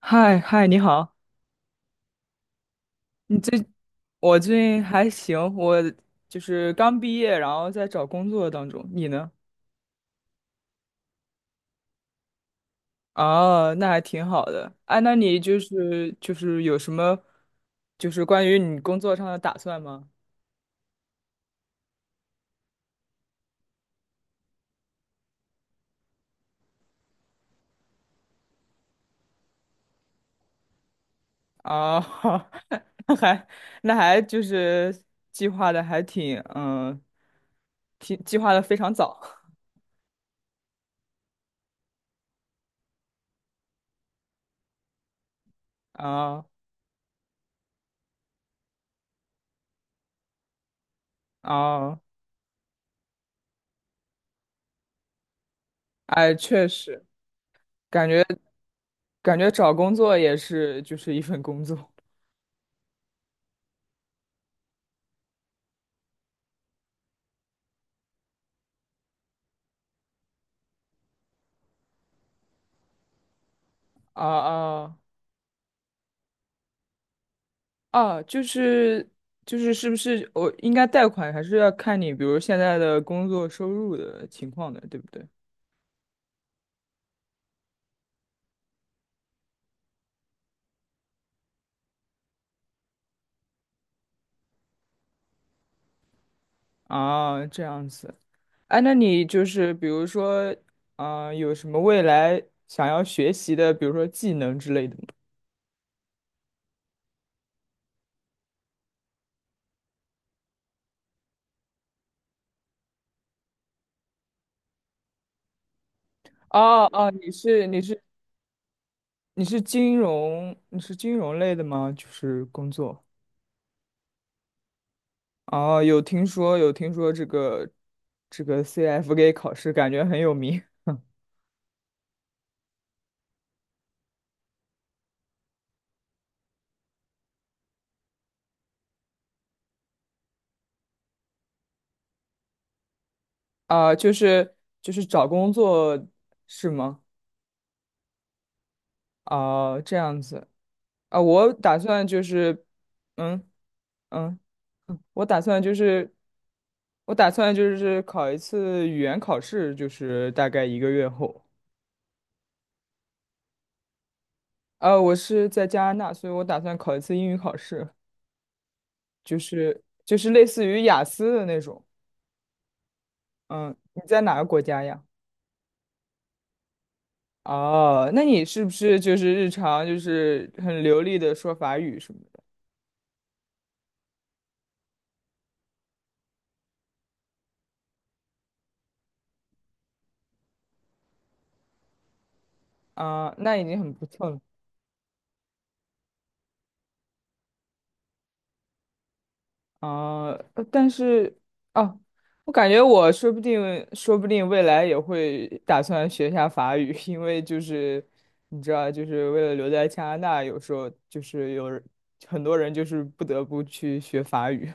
嗨嗨，你好，你最，我最近还行，我就是刚毕业，然后在找工作当中。你呢？哦，那还挺好的。哎，那你就是有什么，就是关于你工作上的打算吗？哦，那还那还就是计划的还挺挺计划的非常早。啊啊，哎，确实，感觉感觉找工作也是就是一份工作。啊啊啊！就是，是不是我应该贷款，还是要看你，比如现在的工作收入的情况的，对不对？啊，这样子。哎，那你就是比如说，啊，有什么未来想要学习的，比如说技能之类的吗？哦哦，你是金融，你是金融类的吗？就是工作。哦，有听说这个 CFA 考试，感觉很有名。啊、就是找工作是吗？啊、这样子啊、我打算就是，嗯嗯，我打算就是，我打算就是考一次语言考试，就是大概一个月后。我是在加拿大，所以我打算考一次英语考试，就是类似于雅思的那种。嗯，你在哪个国家呀？哦，那你是不是就是日常就是很流利的说法语什么的？啊，那已经很不错了啊。但是，啊，我感觉我说不定，说不定未来也会打算学一下法语，因为就是你知道，就是为了留在加拿大，有时候就是很多人就是不得不去学法语，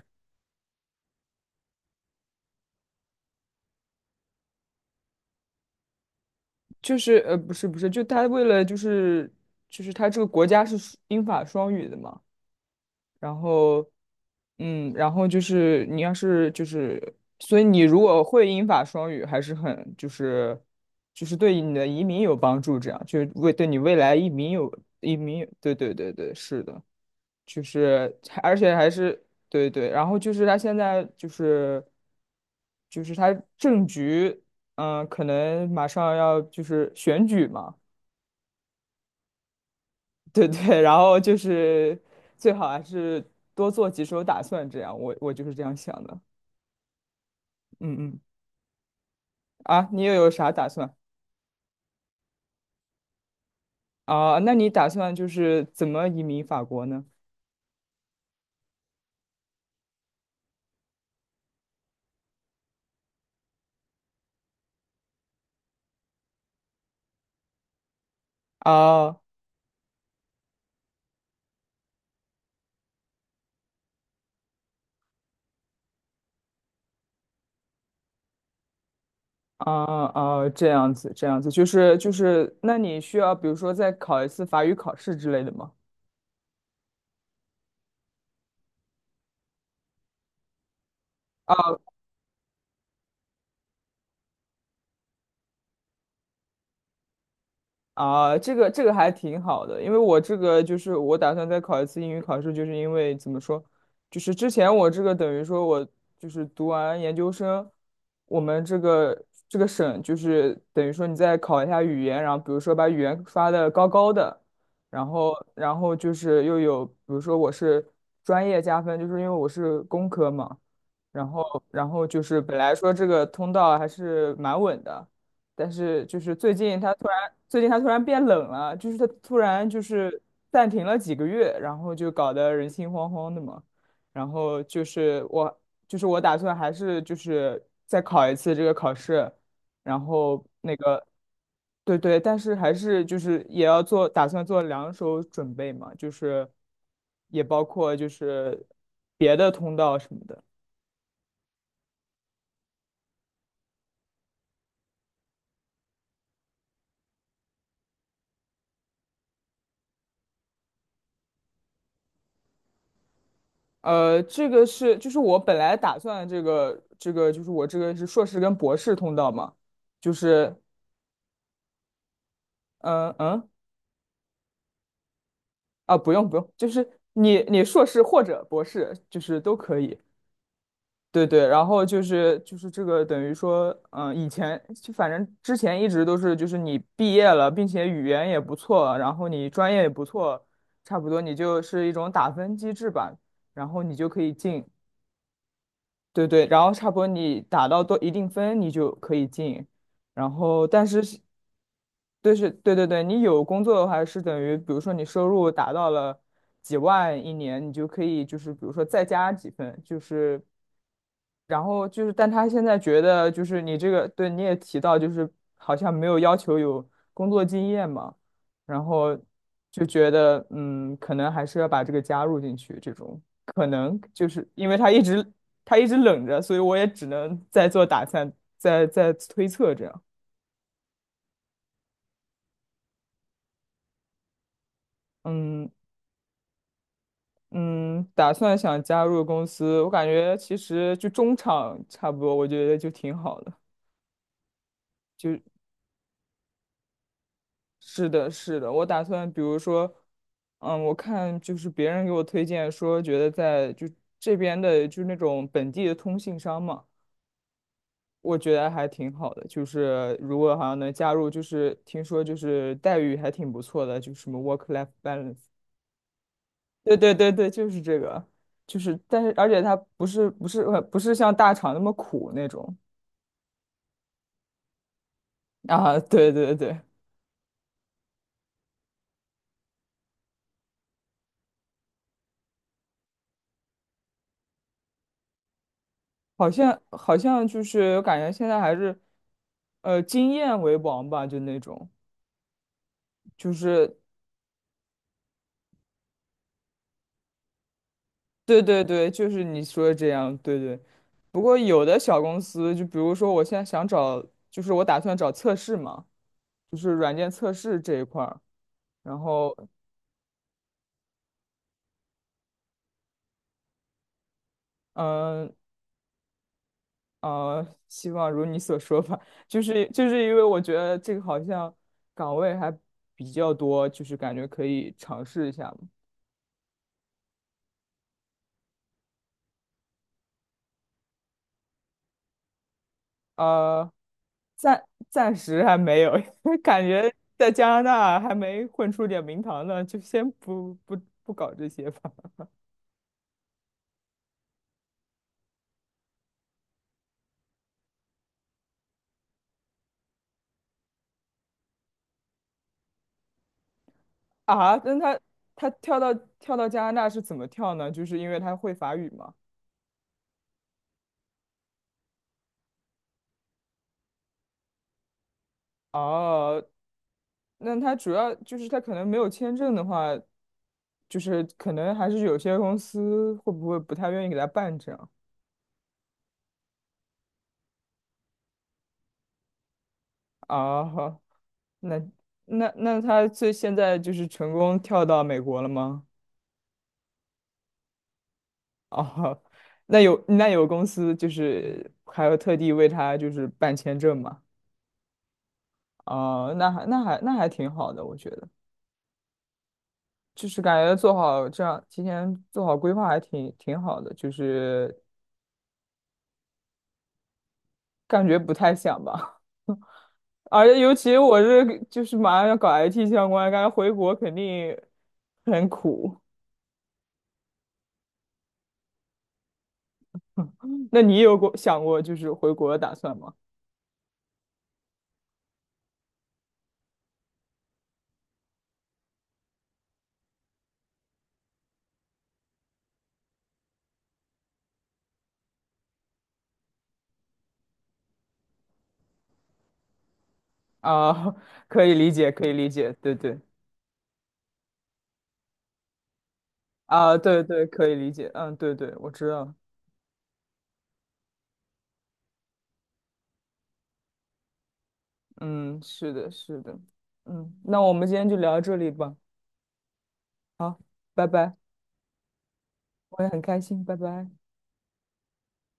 就是不是不是，就是他这个国家是英法双语的嘛。然后，然后就是你要是就是，所以你如果会英法双语，还是很就是对你的移民有帮助，这样就为对你未来移民有对对对对，是的，就是还而且还是对对，然后就是他现在就是他政局，可能马上要就是选举嘛。对 对，然后就是最好还是多做几手打算，这样我就是这样想的。嗯嗯，啊，你又有啥打算啊？那你打算就是怎么移民法国呢？啊啊啊，这样子这样子，就是，那你需要比如说再考一次法语考试之类的吗？啊。啊，这个还挺好的，因为我这个就是我打算再考一次英语考试，就是因为怎么说，就是之前我这个等于说我就是读完研究生，我们这个省就是等于说你再考一下语言，然后比如说把语言刷的高高的，然后就是又有比如说我是专业加分，就是因为我是工科嘛。然后就是本来说这个通道还是蛮稳的，但是就是最近它突然变冷了，就是它突然就是暂停了几个月，然后就搞得人心惶惶的嘛。然后就是我打算还是就是再考一次这个考试，然后那个，对对，但是还是就是也要做，打算做两手准备嘛，就是也包括就是别的通道什么的。这个是就是我本来打算这个就是我这个是硕士跟博士通道嘛，就是嗯嗯啊不用不用，就是你硕士或者博士就是都可以，对对，然后就是这个等于说以前就反正之前一直都是就是你毕业了，并且语言也不错，然后你专业也不错，差不多你就是一种打分机制吧，然后你就可以进。对对，然后差不多你打到多一定分，你就可以进。然后，但是是对是，对对对，你有工作的话是等于，比如说你收入达到了几万一年，你就可以就是比如说再加几分，就是然后就是，但他现在觉得就是你这个，对，你也提到，就是好像没有要求有工作经验嘛，然后就觉得可能还是要把这个加入进去，这种可能就是因为他一直冷着，所以我也只能再做打算，再推测这样。嗯嗯，打算想加入公司，我感觉其实就中场差不多，我觉得就挺好的。就。是的，是的，我打算比如说，我看就是别人给我推荐说，觉得在就这边的就是那种本地的通信商嘛，我觉得还挺好的。就是如果好像能加入，就是听说就是待遇还挺不错的，就什么 work-life balance。对对对对，就是这个，就是但是而且它不是像大厂那么苦那种啊，对对对。好像就是感觉现在还是，经验为王吧，就那种，就是对对对，就是你说的这样，对对。不过有的小公司，就比如说我现在想找，就是我打算找测试嘛，就是软件测试这一块儿。然后，嗯希望如你所说吧，就是因为我觉得这个好像岗位还比较多，就是感觉可以尝试一下嘛。呃暂时还没有，感觉在加拿大还没混出点名堂呢，就先不搞这些吧。啊，那他跳到加拿大是怎么跳呢？就是因为他会法语吗？哦，那他主要就是他可能没有签证的话，就是可能还是有些公司会不会不太愿意给他办这样啊？好那那他最现在就是成功跳到美国了吗？哦，那有公司就是还有特地为他就是办签证嘛？哦，那还挺好的，我觉得，就是感觉做好这样提前做好规划还挺好的，就是感觉不太想吧。而且尤其我是就是马上要搞 IT 相关，感觉回国肯定很苦。那你有过想过就是回国的打算吗？啊，可以理解，可以理解，对对，啊，对对，可以理解，嗯，对对，我知道。嗯，是的，是的，那我们今天就聊到这里吧。好，拜拜，我也很开心，拜拜。